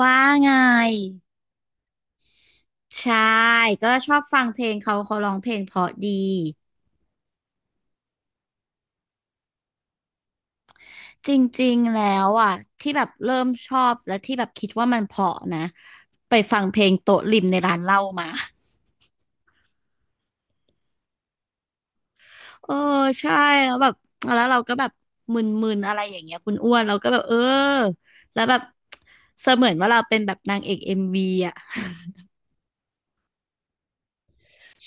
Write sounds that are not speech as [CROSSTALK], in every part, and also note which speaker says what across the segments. Speaker 1: ว่าไงใช่ก็ชอบฟังเพลงเขาร้องเพลงเพราะดีจริงๆแล้วอ่ะที่แบบเริ่มชอบและที่แบบคิดว่ามันเพราะนะไปฟังเพลงโต๊ะริมในร้านเหล้ามา [LAUGHS] เออใช่แล้วแบบแล้วเราก็แบบมึนๆอะไรอย่างเงี้ยคุณอ้วนเราก็แบบเออแล้วแบบเสมือนว่าเราเป็นแบบนางเอกเอ็มวีอ่ะ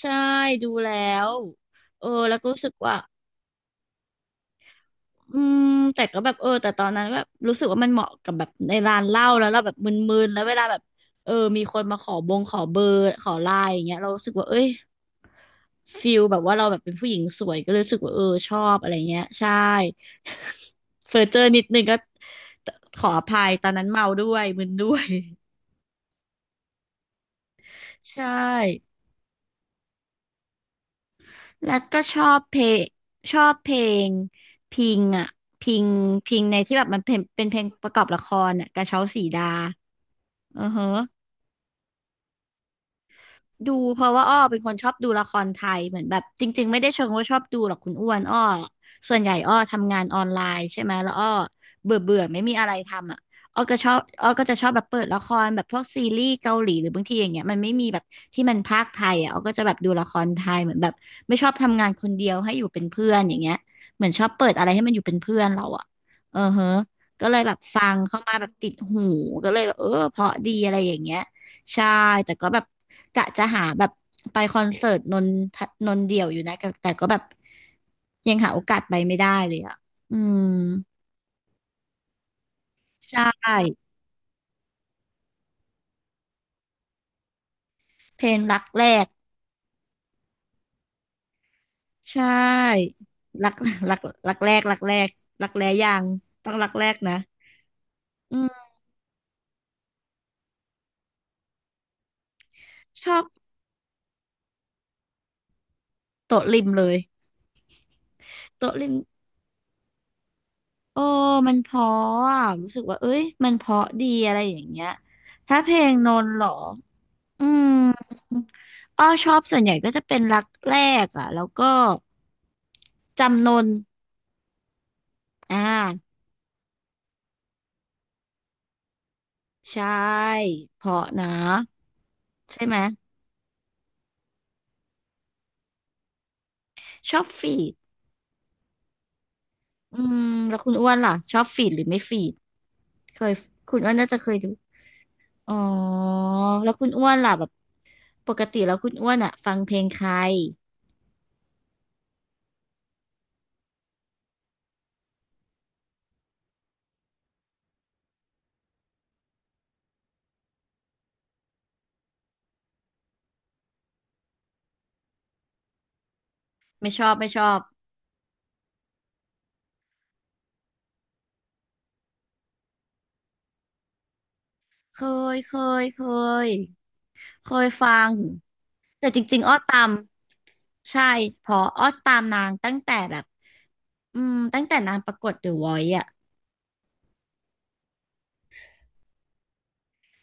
Speaker 1: ใช่ดูแล้วเออแล้วก็รู้สึกว่า อืมแต่ก็แบบเออแต่ตอนนั้นแบบรู้สึกว่ามันเหมาะกับแบบในร้านเหล้าแล้วเราแบบมึนๆแล้วเวลาแบบเออมีคนมาขอบงขอเบอร์ขอไลน์อย่างเงี้ยเรารู้สึกว่าเอ้ยฟิลแบบว่าเราแบบเป็นผู้หญิงสวยก็เลยรู้สึกว่าเออชอบอะไรเงี้ยใช่ [LAUGHS] เฟอร์เจอร์นิดนึงก็ขออภัยตอนนั้นเมาด้วยมึนด้วยใช่แล้วก็ชอบเพลงพิงอ่ะพิงพิงในที่แบบมันเป็นเพลงประกอบละครอ่ะกระเช้าสีดาอือฮะ ดูเพราะว่าอ้อเป็นคนชอบดูละครไทยเหมือนแบบจริงๆไม่ได้เชิงว่าชอบดูหรอกคุณอ้วนอ้อส่วนใหญ่อ้อทำงานออนไลน์ใช่ไหมแล้วอ้อเบื่อเบื่อไม่มีอะไรทำอ่ะอ้อก็ชอบอ้อก็จะชอบแบบเปิดละครแบบพวกซีรีส์เกาหลีหรือบางทีอย่างเงี้ยมันไม่มีแบบที่มันพากย์ไทยอ่ะอ้อก็จะแบบดูละครไทยเหมือนแบบไม่ชอบทำงานคนเดียวให้อยู่เป็นเพื่อนอย่างเงี้ยเหมือนชอบเปิดอะไรให้มันอยู่เป็นเพื่อนเราอ่ะเออเฮะก็เลยแบบฟังเข้ามาแบบติดหูก็เลยแบบเออเพราะดีอะไรอย่างเงี้ย ใช่แต่ก็แบบกะจะหาแบบไปคอนเสิร์ตนนทนนเดี่ยวอยู่นะแต่ก็แบบยังหาโอกาสไปไม่ได้เลยอ่ะอืมใช่เพลงรักแรกใช่รัก [LAUGHS] รักรักแรกรักแรกรักแร้ยังต้องรักแรกนะอืมชอบโต๊ะริมเลยโต๊ะริมโอ้มันเพราะอะรู้สึกว่าเอ้ยมันเพราะดีอะไรอย่างเงี้ยถ้าเพลงนนท์เหรอ อืมอ้อชอบส่วนใหญ่ก็จะเป็นรักแรกอ่ะแล้วก็จำนนอ่าใช่เพราะนะใช่ไหมชอบฟีดอืมแล้วคุณอ้วนล่ะชอบฟีดหรือไม่ฟีดเคยคุณอ้วนน่าจะเคยดูอ๋อแล้วคุณอ้วนล่ะแบบปกติแล้วคุณอ้วนอ่ะฟังเพลงใครไม่ชอบไม่ชอบเคยเคยเคยเคยฟังแต่จริงๆอ้อตาม ใช่เพออ้อตามนางตั้งแต่แบบอืมตั้งแต่นางประกวดเดอะวอยซ์อะ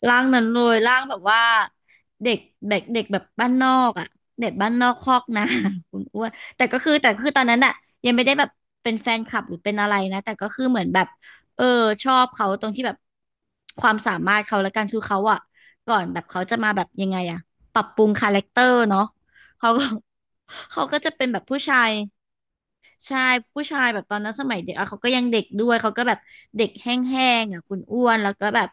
Speaker 1: ร่างนั้นเลยร่างแบบว่าเด็กเด็กเด็กแบบบ้านนอกอะเด็กบ้านนอกคอกนา [LAUGHS] คุณอ้วนแต่คือตอนนั้นอะยังไม่ได้แบบเป็นแฟนคลับหรือเป็นอะไรนะแต่ก็คือเหมือนแบบเออชอบเขาตรงที่แบบความสามารถเขาละกันคือเขาอะก่อนแบบเขาจะมาแบบยังไงอะปรับปรุงคาแรคเตอร์เนาะเขาก็ [LAUGHS] เขาก็จะเป็นแบบผู้ชาย ใช่ผู้ชายแบบตอนนั้นสมัยเด็กอ่ะเขาก็ยังเด็กด้วยเขาก็แบบเด็กแห้งๆอ่ะคุณอ้วนแล้วก็แบบ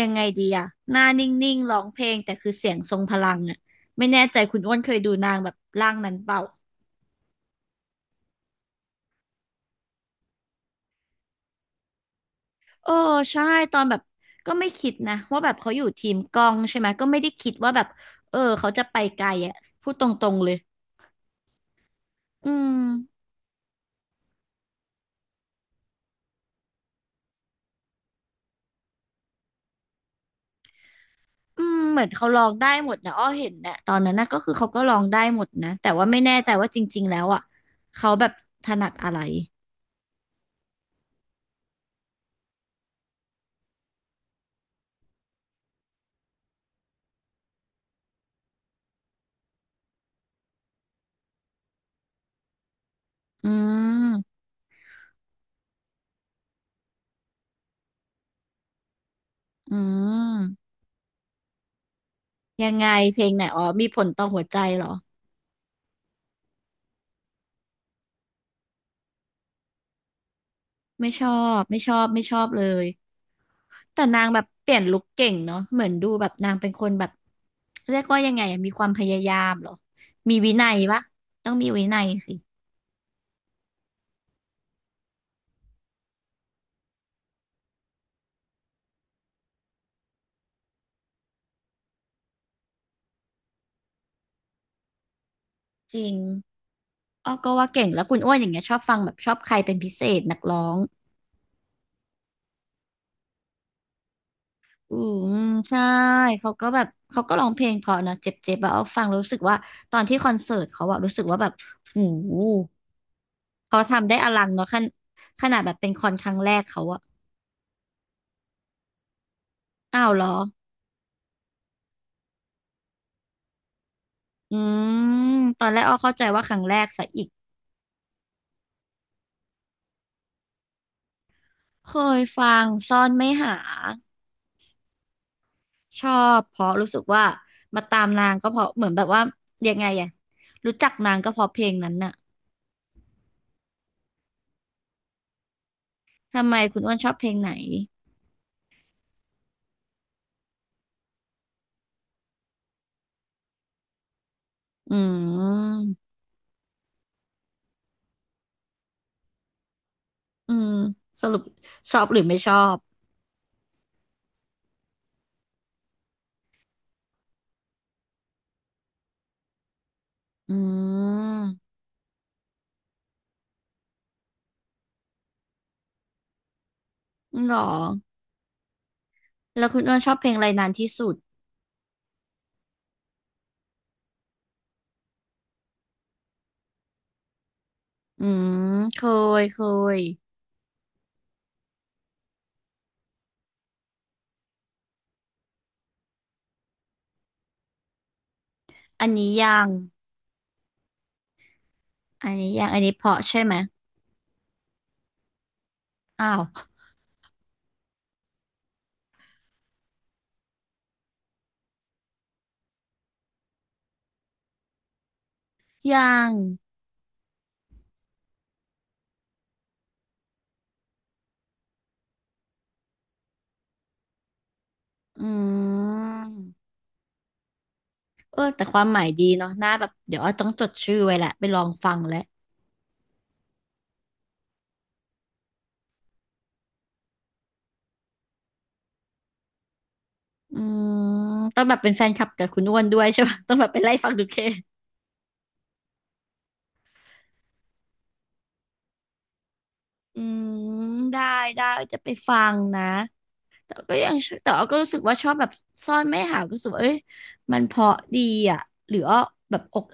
Speaker 1: ยังไงดีอ่ะหน้านิ่งๆร้องเพลงแต่คือเสียงทรงพลังอ่ะไม่แน่ใจคุณอ้วนเคยดูนางแบบร่างนั้นเปล่าเออใช่ตอนแบบก็ไม่คิดนะว่าแบบเขาอยู่ทีมกล้องใช่ไหมก็ไม่ได้คิดว่าแบบเออเขาจะไปไกลอ่ะพูดตรงๆเลยอืมอืมเหมือนเขาร้องได้หมดนะอ้อเห็นนะตอนนั้นนะก็คือเขาก็ร้องได้หมดนะแต่ว่าไม่แน่ใจว่าจริงๆแล้วอ่ะเขาแบบถนัดอะไร อืมอืมยังไงเพลงไหนอ๋อมีผลต่อหัวใจเหรอไม่ชอบไม่ชอบไม่ชอบเลยแต่นางแบบเปลี่ยนลุคเก่งเนาะเหมือนดูแบบนางเป็นคนแบบเรียกว่ายังไงอะมีความพยายามเหรอมีวินัยปะต้องมีวินัยสิจริงอ้อก็ว่าเก่งแล้วคุณอ้วนอย่างเงี้ยชอบฟังแบบชอบใครเป็นพิเศษนักร้องอืมใช่เขาก็แบบเขาก็ร้องเพลงเพราะนะเจ็บๆแบบเอาฟังแล้วรู้สึกว่าตอนที่คอนเสิร์ตเขาอะรู้สึกว่าแบบโอ้โห เขาทำได้อลังเนาะขนขนาดแบบเป็นคอนครั้งแรกเขาอะอ้าวเหรออืมตอนแรกอ้อเข้าใจว่าครั้งแรกซะอีกเคยฟังซ่อนไม่หาชอบเพราะรู้สึกว่ามาตามนางก็เพราะเหมือนแบบว่ายังไงอะรู้จักนางก็เพราะเพลงนั้นน่ะทำไมคุณอ้วนชอบเพลงไหนอืมอืมสรุปชอบหรือไม่ชอบอืมหรอแล้วคุณอ้วนชอบเพลงอะไรนานที่สุดอืมเคยเคยอันนี้ยัง อันนี้ยังอันนี้เพาะใช่ไหมอ้าวยังอืมเออแต่ความหมายดีเนาะน่าแบบเดี๋ยวอ้อต้องจดชื่อไว้แหละไปลองฟังแล้วอืมต้องแบบเป็นแฟนคลับกับคุณอ้วนด้วยใช่ปะ [LAUGHS] ต้องแบบไปไล่ฟังดูเคอืมได้ได้จะไปฟังนะแต่ก็ยังแต่อ้อก็รู้สึกว่าชอบแบบซ่อนไม่หาวก็รู้สึกว่าเอ้ยมันเพราะดีอ่ะหรืออ้อแบบอก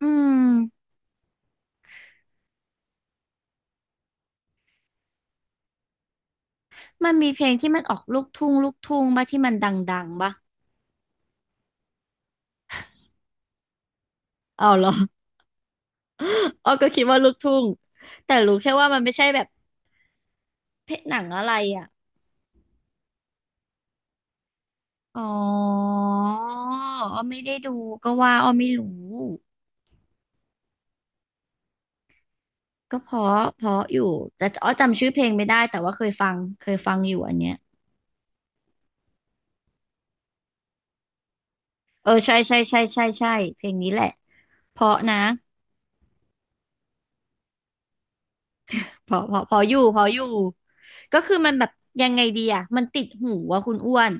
Speaker 1: อืมมันมีเพลงที่มันออกลูกทุ่งลูกทุ่งบ้าที่มันดังๆบ้าเอาเหรอ อ้อก็คิดว่าลูกทุ่ง แต่รู้แค่ว่ามันไม่ใช่แบบเพศหนังอะไรอ่ะอ๋ออ้อไม่ได้ดูก็ว่าอ้อไม่รู้ ก็เพราะเพราะอยู่แต่อ้อจำชื่อเพลงไม่ได้แต่ว่าเคยฟังเคยฟังอยู่อันเนี้ยเออใช่ใช่ใช่ใช่ใช่เพลงนี้แหละเพราะนะเพราะเพราะเพราะอยู่เพราะอยู่ก็คือมันแบบยังไงดีอ่ะมันติดหูว่าคุณอ้วน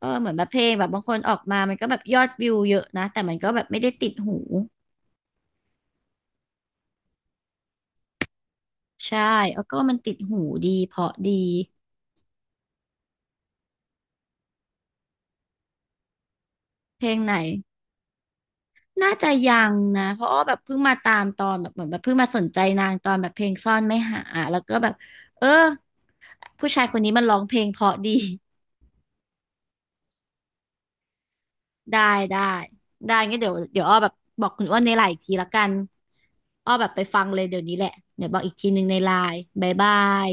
Speaker 1: เออเหมือนแบบเพลงแบบบางคนออกมามันก็แบบยอดวิวเยอะนะแต่มันก็แบบไม่ได้ติดหู ใช่แล้วก็มันติดหูดีเพราะดี เพลงไหน น่าจะยังนะ เพราะอ้อแบบเพิ่งมาตามตอนแบบเหมือนแบบเพิ่งมาสนใจนางตอนแบบเพลงซ่อนไม่หา แล้วก็แบบ เออ ผู้ชายคนนี้มันร้องเพลงเพราะดี ได้ได้ได้งั้นเดี๋ยวเดี๋ยวอ้อแบบบอกคุณอ้วนในไลน์อีกทีละกันอ้อแบบไปฟังเลยเดี๋ยวนี้แหละเดี๋ยวบอกอีกทีหนึ่งในไลน์บายบาย